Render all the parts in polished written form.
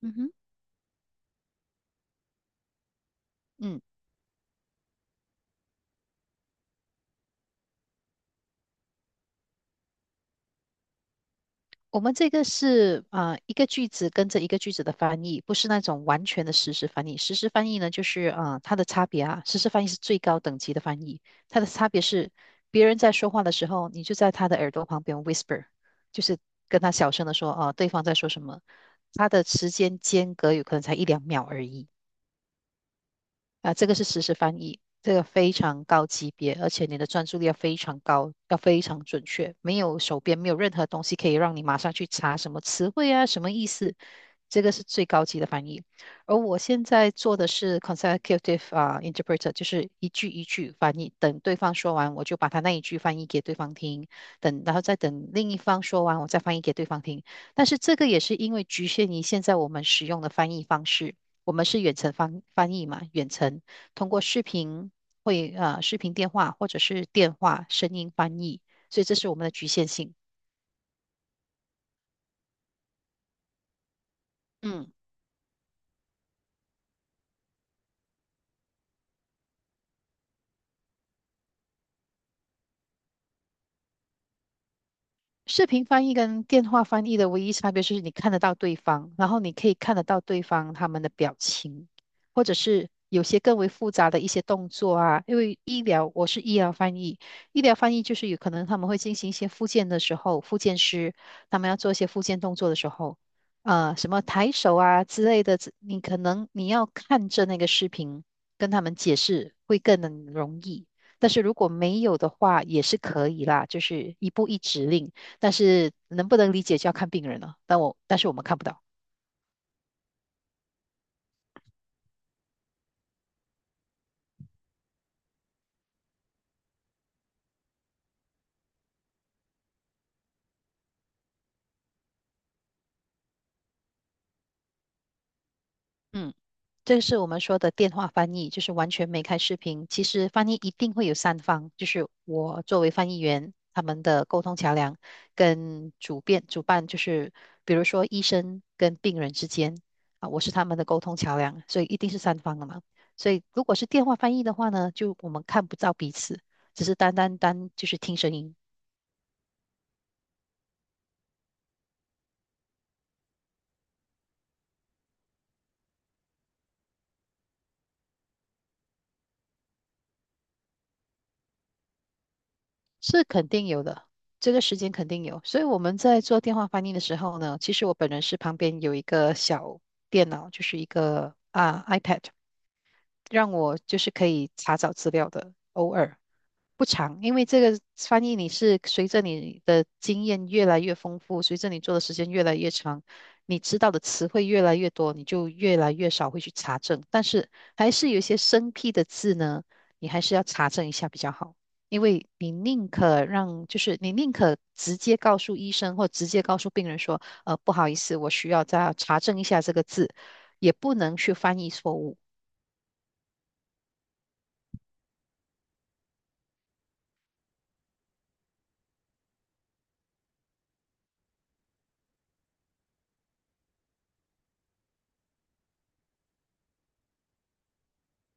嗯哼。嗯，我们这个是一个句子跟着一个句子的翻译，不是那种完全的实时翻译。实时翻译呢，就是它的差别啊，实时翻译是最高等级的翻译，它的差别是别人在说话的时候，你就在他的耳朵旁边 whisper，就是跟他小声的说对方在说什么，它的时间间隔有可能才一两秒而已。啊，这个是实时翻译，这个非常高级别，而且你的专注力要非常高，要非常准确，没有手边没有任何东西可以让你马上去查什么词汇啊，什么意思，这个是最高级的翻译。而我现在做的是 consecutive 啊、interpreter，就是一句一句翻译，等对方说完，我就把他那一句翻译给对方听，等然后再等另一方说完，我再翻译给对方听。但是这个也是因为局限于现在我们使用的翻译方式。我们是远程翻译嘛，远程通过视频会视频电话或者是电话声音翻译，所以这是我们的局限性。嗯。视频翻译跟电话翻译的唯一差别就是你看得到对方，然后你可以看得到对方他们的表情，或者是有些更为复杂的一些动作啊。因为医疗，我是医疗翻译，医疗翻译就是有可能他们会进行一些复健的时候，复健师他们要做一些复健动作的时候，什么抬手啊之类的，你可能你要看着那个视频跟他们解释会更能容易。但是如果没有的话，也是可以啦，就是一步一指令。但是能不能理解就要看病人了。但是我们看不到。嗯，这是我们说的电话翻译，就是完全没开视频。其实翻译一定会有三方，就是我作为翻译员，他们的沟通桥梁跟主办，就是比如说医生跟病人之间啊，我是他们的沟通桥梁，所以一定是三方的嘛。所以如果是电话翻译的话呢，就我们看不到彼此，只是单单就是听声音。是肯定有的，这个时间肯定有。所以我们在做电话翻译的时候呢，其实我本人是旁边有一个小电脑，就是一个啊 iPad，让我就是可以查找资料的，偶尔。不长，因为这个翻译你是随着你的经验越来越丰富，随着你做的时间越来越长，你知道的词汇越来越多，你就越来越少会去查证。但是还是有一些生僻的字呢，你还是要查证一下比较好，因为你宁可让，就是你宁可直接告诉医生或直接告诉病人说，呃，不好意思，我需要再查证一下这个字，也不能去翻译错误。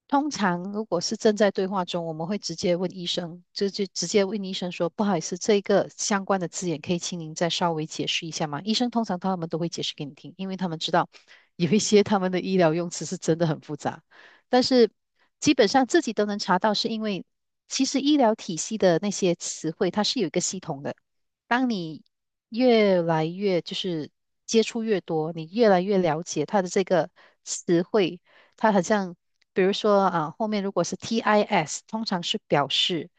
通常如果是正在对话中，我们会直接问医生，就直接问医生说：“不好意思，这个相关的字眼可以请您再稍微解释一下吗？”医生通常他们都会解释给你听，因为他们知道有一些他们的医疗用词是真的很复杂，但是基本上自己都能查到，是因为其实医疗体系的那些词汇它是有一个系统的，当你越来越就是接触越多，你越来越了解它的这个词汇。它好像比如说啊，后面如果是 TIS，通常是表示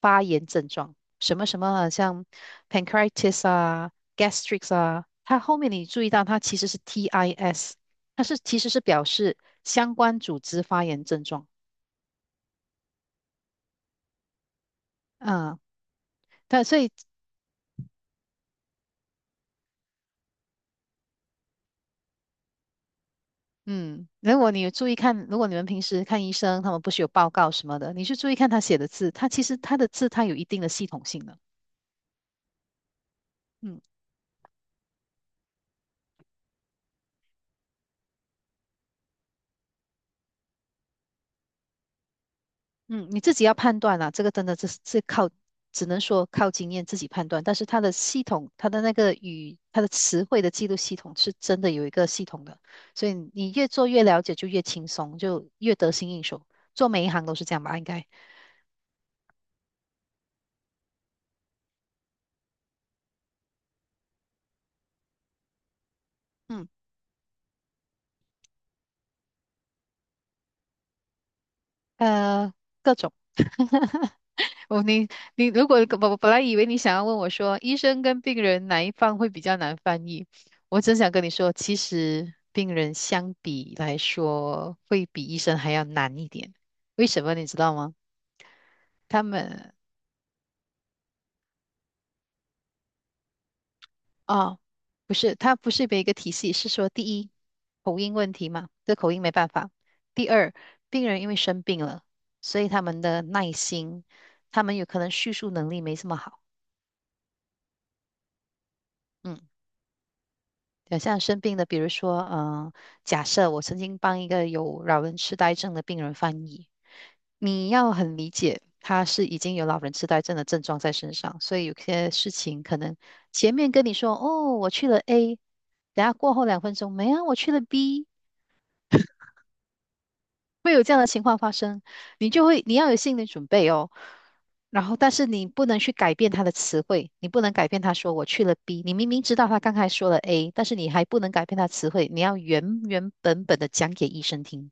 发炎症状，什么什么啊像 pancreatitis 啊、gastrics 啊，它后面你注意到它其实是 TIS，它是其实是表示相关组织发炎症状。啊。但所以嗯，如果你有注意看，如果你们平时看医生，他们不是有报告什么的，你去注意看他写的字，他其实他的字他有一定的系统性的。嗯。嗯，你自己要判断啦，这个真的是靠，只能说靠经验自己判断。但是它的系统，它的那个语，它的词汇的记录系统是真的有一个系统的，所以你越做越了解，就越轻松，就越得心应手。做每一行都是这样吧，应该。嗯，呃，各种。哦，你如果我本来以为你想要问我说，医生跟病人哪一方会比较难翻译，我真想跟你说，其实病人相比来说会比医生还要难一点。为什么你知道吗？他们啊，不是，他不是每一个体系，是说第一口音问题嘛，这口音没办法。第二，病人因为生病了，所以他们的耐心，他们有可能叙述能力没这么好。嗯。对，像生病的，比如说，嗯，假设我曾经帮一个有老人痴呆症的病人翻译，你要很理解，他是已经有老人痴呆症的症状在身上，所以有些事情可能前面跟你说，哦，我去了 A，等下过后两分钟，没啊，我去了 B，会有这样的情况发生，你就会你要有心理准备哦。然后，但是你不能去改变他的词汇，你不能改变他说我去了 B，你明明知道他刚才说了 A，但是你还不能改变他词汇，你要原原本本的讲给医生听，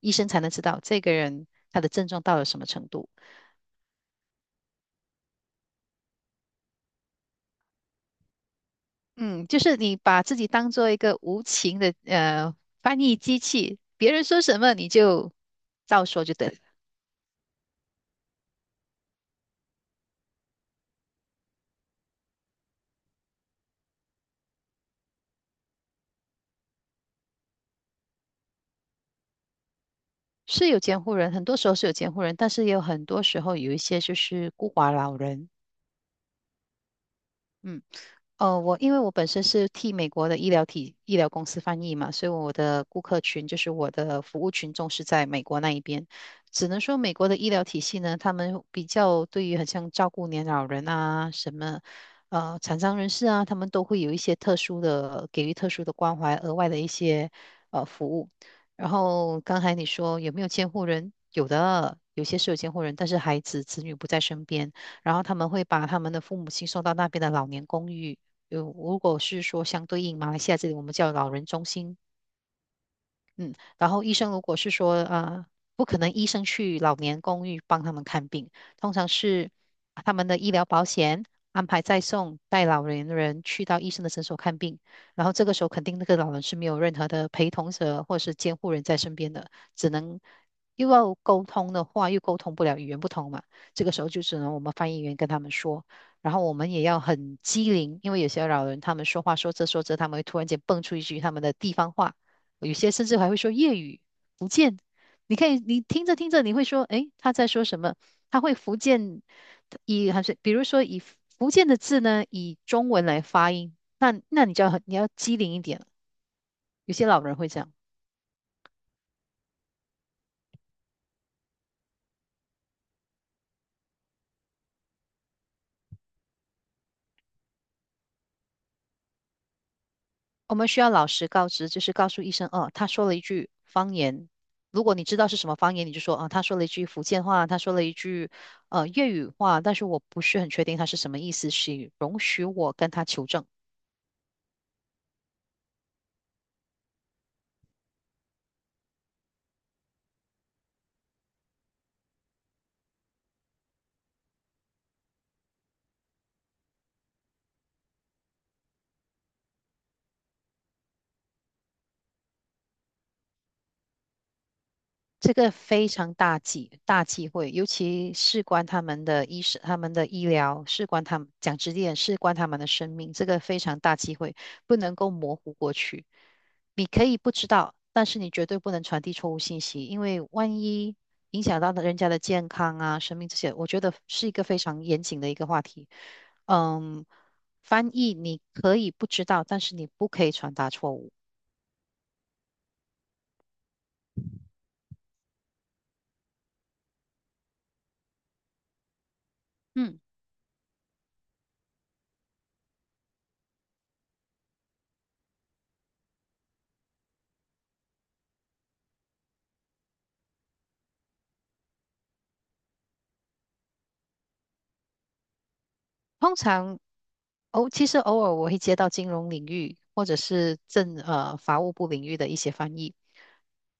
医生才能知道这个人他的症状到了什么程度。嗯，就是你把自己当做一个无情的翻译机器，别人说什么你就照说就对了。是有监护人，很多时候是有监护人，但是也有很多时候有一些就是孤寡老人，嗯。哦，我因为我本身是替美国的医疗公司翻译嘛，所以我的顾客群就是我的服务群众是在美国那一边。只能说美国的医疗体系呢，他们比较对于很像照顾年老人什么残障人士啊，他们都会有一些特殊的给予特殊的关怀，额外的一些服务。然后刚才你说有没有监护人？有的，有些是有监护人，但是孩子子女不在身边。然后他们会把他们的父母亲送到那边的老年公寓，有如果是说相对应马来西亚这里，我们叫老人中心，嗯，然后医生如果是说呃，不可能医生去老年公寓帮他们看病，通常是他们的医疗保险安排再送带老年人去到医生的诊所看病，然后这个时候肯定那个老人是没有任何的陪同者或者是监护人在身边的，只能又要沟通的话又沟通不了，语言不通嘛，这个时候就只能我们翻译员跟他们说。然后我们也要很机灵，因为有些老人他们说话说着说着，他们会突然间蹦出一句他们的地方话，有些甚至还会说粤语、福建。你可以，你听着听着，你会说，诶，他在说什么？他会福建以还是比如说以福建的字呢，以中文来发音，那你就要很你要机灵一点了有些老人会这样，我们需要老实告知，就是告诉医生，哦，他说了一句方言。如果你知道是什么方言，你就说啊，他说了一句福建话，他说了一句粤语话，但是我不是很确定他是什么意思，请容许我跟他求证。这个非常大忌讳，尤其事关他们的医生、他们的医疗，事关他们讲直接点，事关他们的生命，这个非常大忌讳，不能够模糊过去。你可以不知道，但是你绝对不能传递错误信息，因为万一影响到人家的健康啊、生命这些，我觉得是一个非常严谨的一个话题。嗯，翻译你可以不知道，但是你不可以传达错误。嗯。通常哦，其实偶尔我会接到金融领域或者是法务部领域的一些翻译，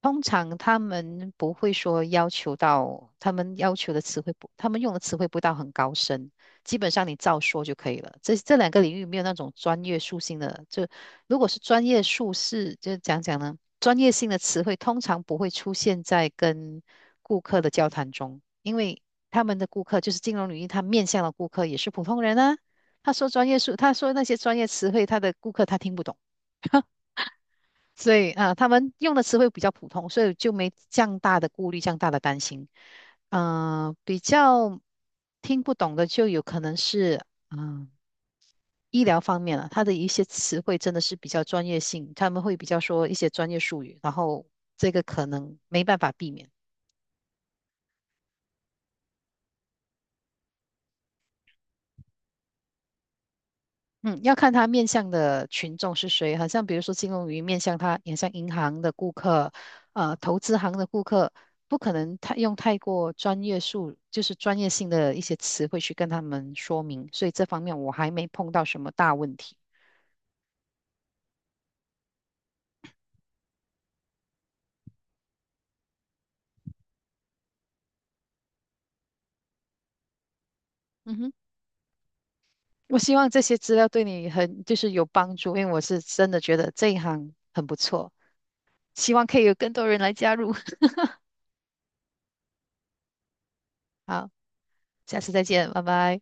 通常他们不会说要求到，他们要求的词汇不，他们用的词汇不到很高深，基本上你照说就可以了。这两个领域没有那种专业属性的，就如果是专业术士，就讲讲呢，专业性的词汇通常不会出现在跟顾客的交谈中，因为他们的顾客就是金融领域，他面向的顾客也是普通人啊。他说专业术，他说那些专业词汇，他的顾客他听不懂。所以啊，他们用的词汇比较普通，所以就没这样大的顾虑，这样大的担心。呃，比较听不懂的就有可能是，嗯、医疗方面了，它的一些词汇真的是比较专业性，他们会比较说一些专业术语，然后这个可能没办法避免。嗯，要看他面向的群众是谁，好像比如说金融鱼面向他，面向银行的顾客，呃，投资行的顾客，不可能太过专业术，就是专业性的一些词汇去跟他们说明，所以这方面我还没碰到什么大问题。嗯哼，我希望这些资料对你很就是有帮助，因为我是真的觉得这一行很不错，希望可以有更多人来加入。好，下次再见，拜拜。